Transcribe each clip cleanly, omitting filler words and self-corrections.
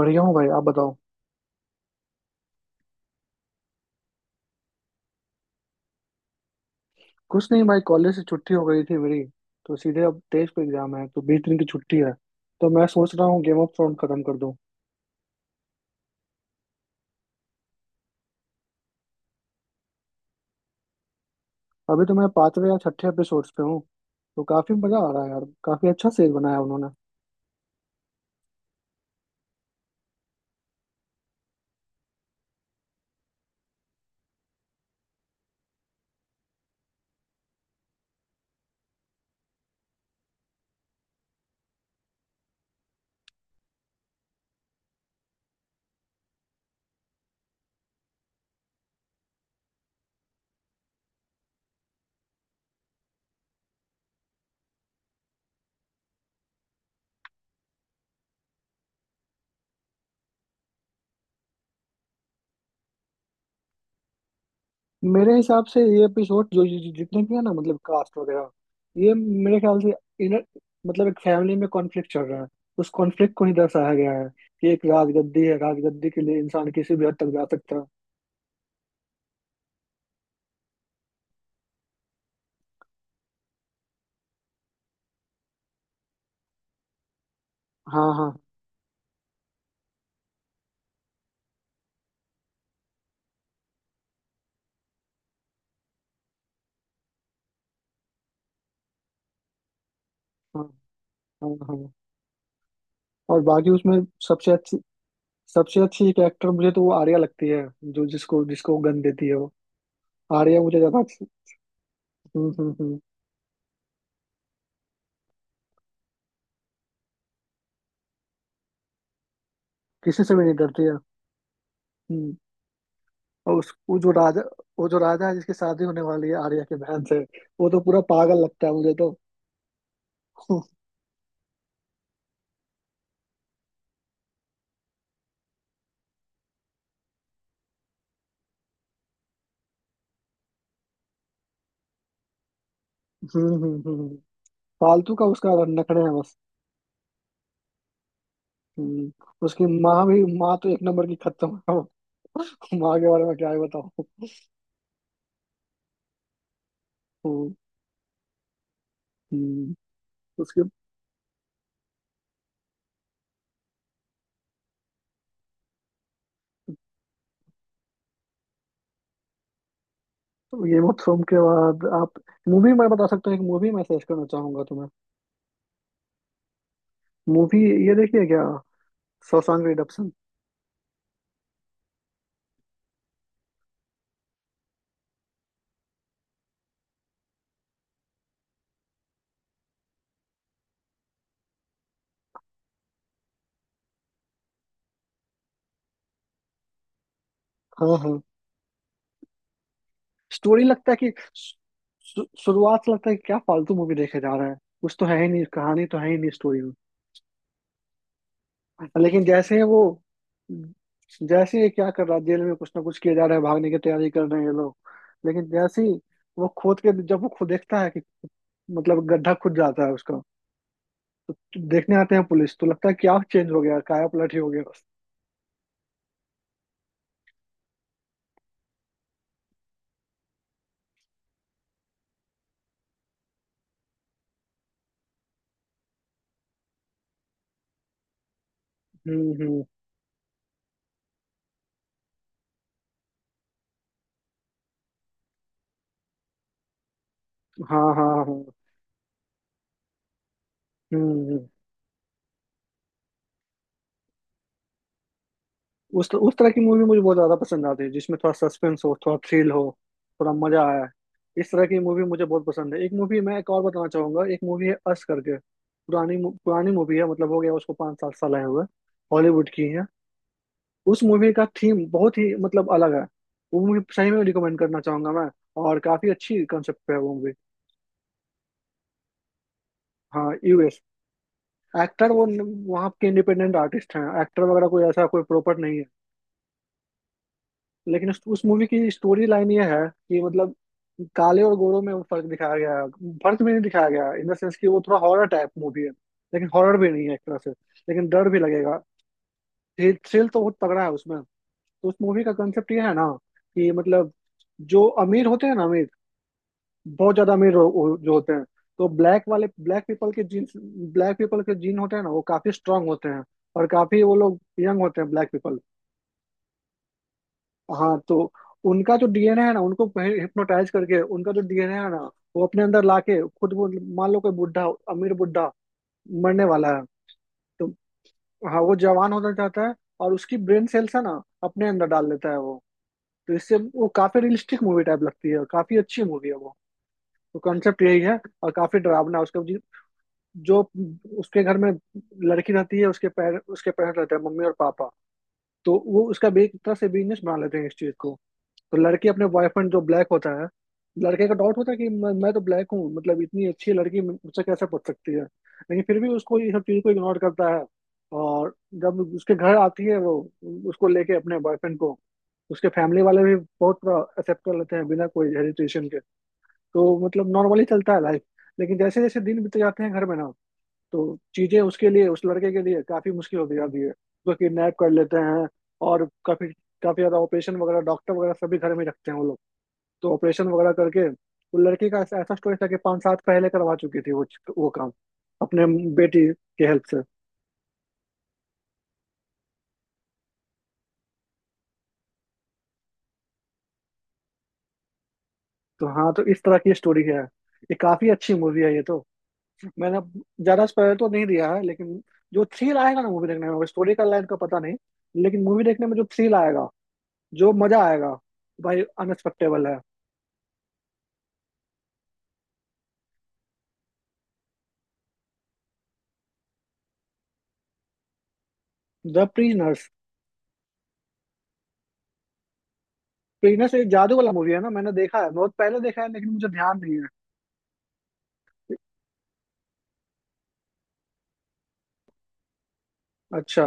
बढ़िया हूँ भाई। आप बताओ। कुछ नहीं भाई, कॉलेज से छुट्टी हो गई थी मेरी। तो सीधे अब 23 को एग्जाम है, तो 20 दिन की छुट्टी है। तो मैं सोच रहा हूँ गेम ऑफ थ्रोन खत्म कर दूँ। अभी तो मैं पांचवे या छठे एपिसोड पे हूँ। तो काफी मजा आ रहा है यार, काफी अच्छा सीरीज बनाया उन्होंने। मेरे हिसाब से ये एपिसोड जो जो- जो- जितने भी है ना, मतलब कास्ट वगैरह, ये मेरे ख्याल से इनर, मतलब एक फैमिली में कॉन्फ्लिक्ट चल रहा है। उस कॉन्फ्लिक्ट को ही दर्शाया गया है कि एक राजगद्दी है, राजगद्दी के लिए इंसान किसी भी हद तक जा सकता है। हाँ हाँ हाँ हाँ हाँ। और बाकी उसमें सबसे अच्छी, सबसे अच्छी एक एक्टर मुझे तो वो आर्या लगती है, जो जिसको जिसको गन देती है वो। आर्या मुझे ज्यादा अच्छी। हम्म। किसी से भी नहीं डरती है। हम्म। और उस वो जो राजा, वो जो राजा है जिसकी शादी होने वाली है आर्या की बहन से, वो तो पूरा पागल लगता है मुझे तो। हम्म हम्म हम्म हम्म, फालतू का उसका नखरे है बस। हम्म। उसकी माँ भी, माँ तो एक नंबर की खत्म है वो। माँ के बारे में क्या ही बताऊं। हम्म, हम्म। उसकी। तो गेम ऑफ थ्रोन के बाद आप, मूवी मैं बता सकता हूँ, एक मूवी मैं सजेस्ट करना चाहूंगा तुम्हें। मूवी ये देखिए, क्या, शॉशैंक रिडेम्पशन। हाँ हाँ। स्टोरी लगता है कि शुरुआत से लगता है कि क्या फालतू मूवी देखे जा रहा है, कुछ तो है ही नहीं, कहानी तो है ही नहीं स्टोरी में। लेकिन जैसे ही वो, जैसे ये क्या कर रहा है जेल में, कुछ ना कुछ किया जा रहा है, भागने की तैयारी कर रहे हैं ये लोग। लेकिन जैसे ही वो खोद के, जब वो खुद देखता है कि, मतलब गड्ढा खुद जाता है उसका, तो देखने आते हैं पुलिस, तो लगता है क्या चेंज हो गया, काया पलट ही हो गया बस। हम्म। हाँ हाँ हाँ। हम्म। उस तरह की मूवी मुझे बहुत ज्यादा पसंद आती है जिसमें थोड़ा सस्पेंस हो, थोड़ा थ्रिल हो, थोड़ा मजा आया। इस तरह की मूवी मुझे बहुत पसंद है। एक मूवी मैं एक और बताना चाहूंगा, एक मूवी है अस करके, पुरानी पुरानी मूवी है, मतलब हो गया उसको 5 7 साल आए हुए। हॉलीवुड की है। उस मूवी का थीम बहुत ही मतलब अलग है। वो मूवी सही में रिकमेंड करना चाहूंगा मैं। और काफी अच्छी कंसेप्ट पे है वो मूवी। हाँ यूएस। एक्टर वो वहाँ के इंडिपेंडेंट आर्टिस्ट हैं, एक्टर वगैरह कोई ऐसा कोई प्रॉपर नहीं है। लेकिन उस मूवी की स्टोरी लाइन ये है कि मतलब काले और गोरों में वो फर्क दिखाया गया है। फर्क भी नहीं दिखाया गया इन द सेंस, कि वो थोड़ा हॉरर टाइप मूवी है, लेकिन हॉरर भी नहीं है एक तरह से। लेकिन डर भी लगेगा। थ्रिल तो बहुत तगड़ा है उसमें। तो उस मूवी का कंसेप्ट ये है ना, कि मतलब जो अमीर होते हैं ना, अमीर बहुत ज्यादा अमीर जो होते हैं, तो ब्लैक वाले, ब्लैक पीपल के जीन, ब्लैक पीपल के जीन होते हैं ना, वो काफी स्ट्रांग होते हैं। और काफी वो लोग यंग होते हैं ब्लैक पीपल। हाँ। तो उनका जो डीएनए है ना, उनको हिप्नोटाइज करके उनका जो डीएनए है ना, वो अपने अंदर लाके खुद वो, मान लो कोई बुढ़ा, अमीर बुढ़ा, मरने वाला है, तो हाँ वो जवान होना चाहता है, और उसकी ब्रेन सेल्स है ना अपने अंदर डाल लेता है वो। तो इससे वो काफी रियलिस्टिक मूवी टाइप लगती है और काफी अच्छी मूवी है वो। तो कॉन्सेप्ट यही है और काफी डरावना है उसका। जो उसके घर में लड़की रहती है, उसके पैर उसके पेरेंट्स रहते हैं, मम्मी और पापा, तो वो उसका एक तरह से बिजनेस बना लेते हैं इस चीज को। तो लड़की अपने बॉयफ्रेंड जो ब्लैक होता है, लड़के का डाउट होता है कि मैं तो ब्लैक हूँ, मतलब इतनी अच्छी लड़की मुझसे कैसे पूछ सकती है, लेकिन फिर भी उसको ये सब चीज को इग्नोर करता है। और जब उसके घर आती है वो, उसको लेके अपने बॉयफ्रेंड को, उसके फैमिली वाले भी बहुत एक्सेप्ट कर लेते हैं बिना कोई हेजिटेशन के। तो मतलब नॉर्मली चलता है लाइफ। लेकिन जैसे जैसे दिन बीते जाते हैं घर में ना, तो चीजें उसके लिए, उस लड़के के लिए काफी मुश्किल होती जाती है, उसको किडनैप कर लेते हैं। और काफी, काफी ज्यादा ऑपरेशन वगैरह, डॉक्टर वगैरह सभी घर में रखते हैं वो लोग। तो ऑपरेशन वगैरह करके वो लड़की का, ऐसा ऐसा स्टोरी था कि 5 साल पहले करवा चुकी थी वो काम, अपने बेटी के हेल्प से। तो हाँ, तो इस तरह की स्टोरी है। ये काफी अच्छी मूवी है ये तो। मैंने ज्यादा स्पॉइलर तो नहीं दिया है, लेकिन जो थ्रिल आएगा ना मूवी देखने में, स्टोरी का लाइन का पता नहीं, लेकिन मूवी देखने में जो थ्रिल आएगा, जो मजा आएगा, भाई अनएक्सपेक्टेबल है। द प्रीनर्स। प्रीनर्स एक जादू वाला मूवी है ना, मैंने देखा है, बहुत पहले देखा है, लेकिन मुझे ध्यान नहीं है। अच्छा।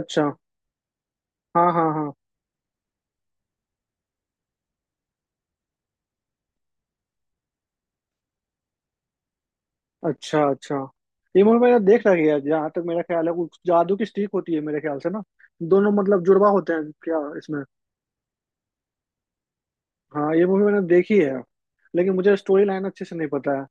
अच्छा। हाँ हाँ हाँ। अच्छा अच्छा। ये मूवी मैंने देख रखी है, जहाँ तक मेरा ख्याल है कुछ जादू की स्टिक होती है मेरे ख्याल से ना। दोनों मतलब जुड़वा होते हैं क्या इसमें। हाँ ये मूवी मैंने देखी है। लेकिन मुझे स्टोरी लाइन अच्छे से नहीं पता है।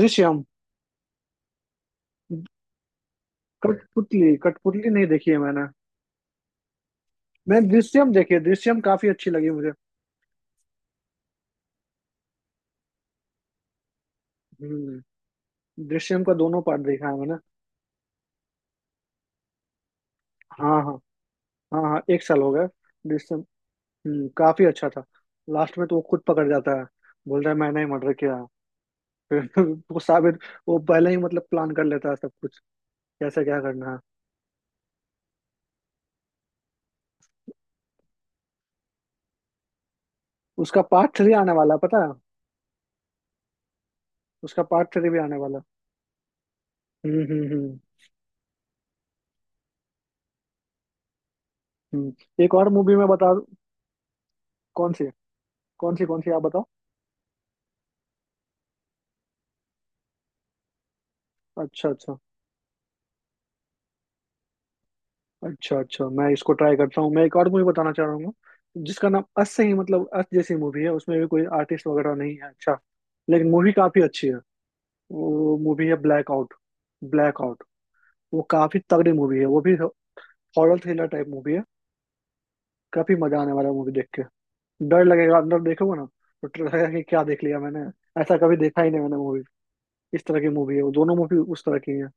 दृश्यम। कठपुतली, कठपुतली नहीं देखी है मैंने। मैंने दृश्यम देखी है, दृश्यम काफी अच्छी लगी मुझे। हम्म। दृश्यम का दोनों पार्ट देखा है मैंने। हाँ हाँ। हाँ हाँ एक साल हो गया। जिससे। काफी अच्छा था। लास्ट में तो वो खुद पकड़ जाता है, बोल रहा है मैंने ही मर्डर किया, फिर वो साबित, वो पहले ही मतलब प्लान कर लेता है सब कुछ, कैसे क्या करना है। उसका पार्ट 3 आने वाला है, पता है। उसका पार्ट थ्री भी आने वाला है। हम्म। हम्म। एक और मूवी में बता। कौन सी। कौन सी, कौन सी आप बताओ। अच्छा अच्छा। अच्छा अच्छा मैं इसको ट्राई करता हूँ। मैं एक और मूवी बताना चाह रहा हूँ, जिसका नाम अस से ही, मतलब अस जैसी मूवी है, उसमें भी कोई आर्टिस्ट वगैरह नहीं है, अच्छा, लेकिन मूवी काफी अच्छी है। वो मूवी है ब्लैक आउट। Black out. वो काफी तगड़ी मूवी है वो भी, हॉरर थ्रिलर टाइप मूवी है। काफी मजा आने वाला है मूवी देख के। डर लगेगा, अंदर देखोगे ना तो डर लगेगा कि क्या देख लिया मैंने। ऐसा कभी देखा ही नहीं मैंने मूवी, इस तरह की मूवी है वो, दोनों मूवी उस तरह की है।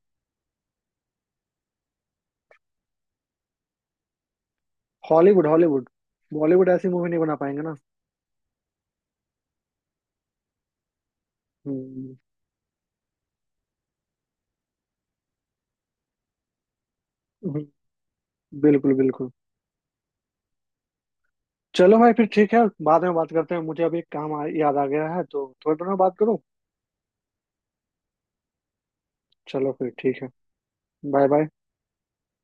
Hollywood Hollywood. बॉलीवुड ऐसी मूवी नहीं बना पाएंगे ना। हम्म। हम्म, बिल्कुल बिल्कुल। चलो भाई फिर ठीक है, बाद में बात करते हैं, मुझे अभी एक काम याद आ गया है, तो थोड़ी देर में बात करूँ। चलो फिर ठीक है। Bye bye.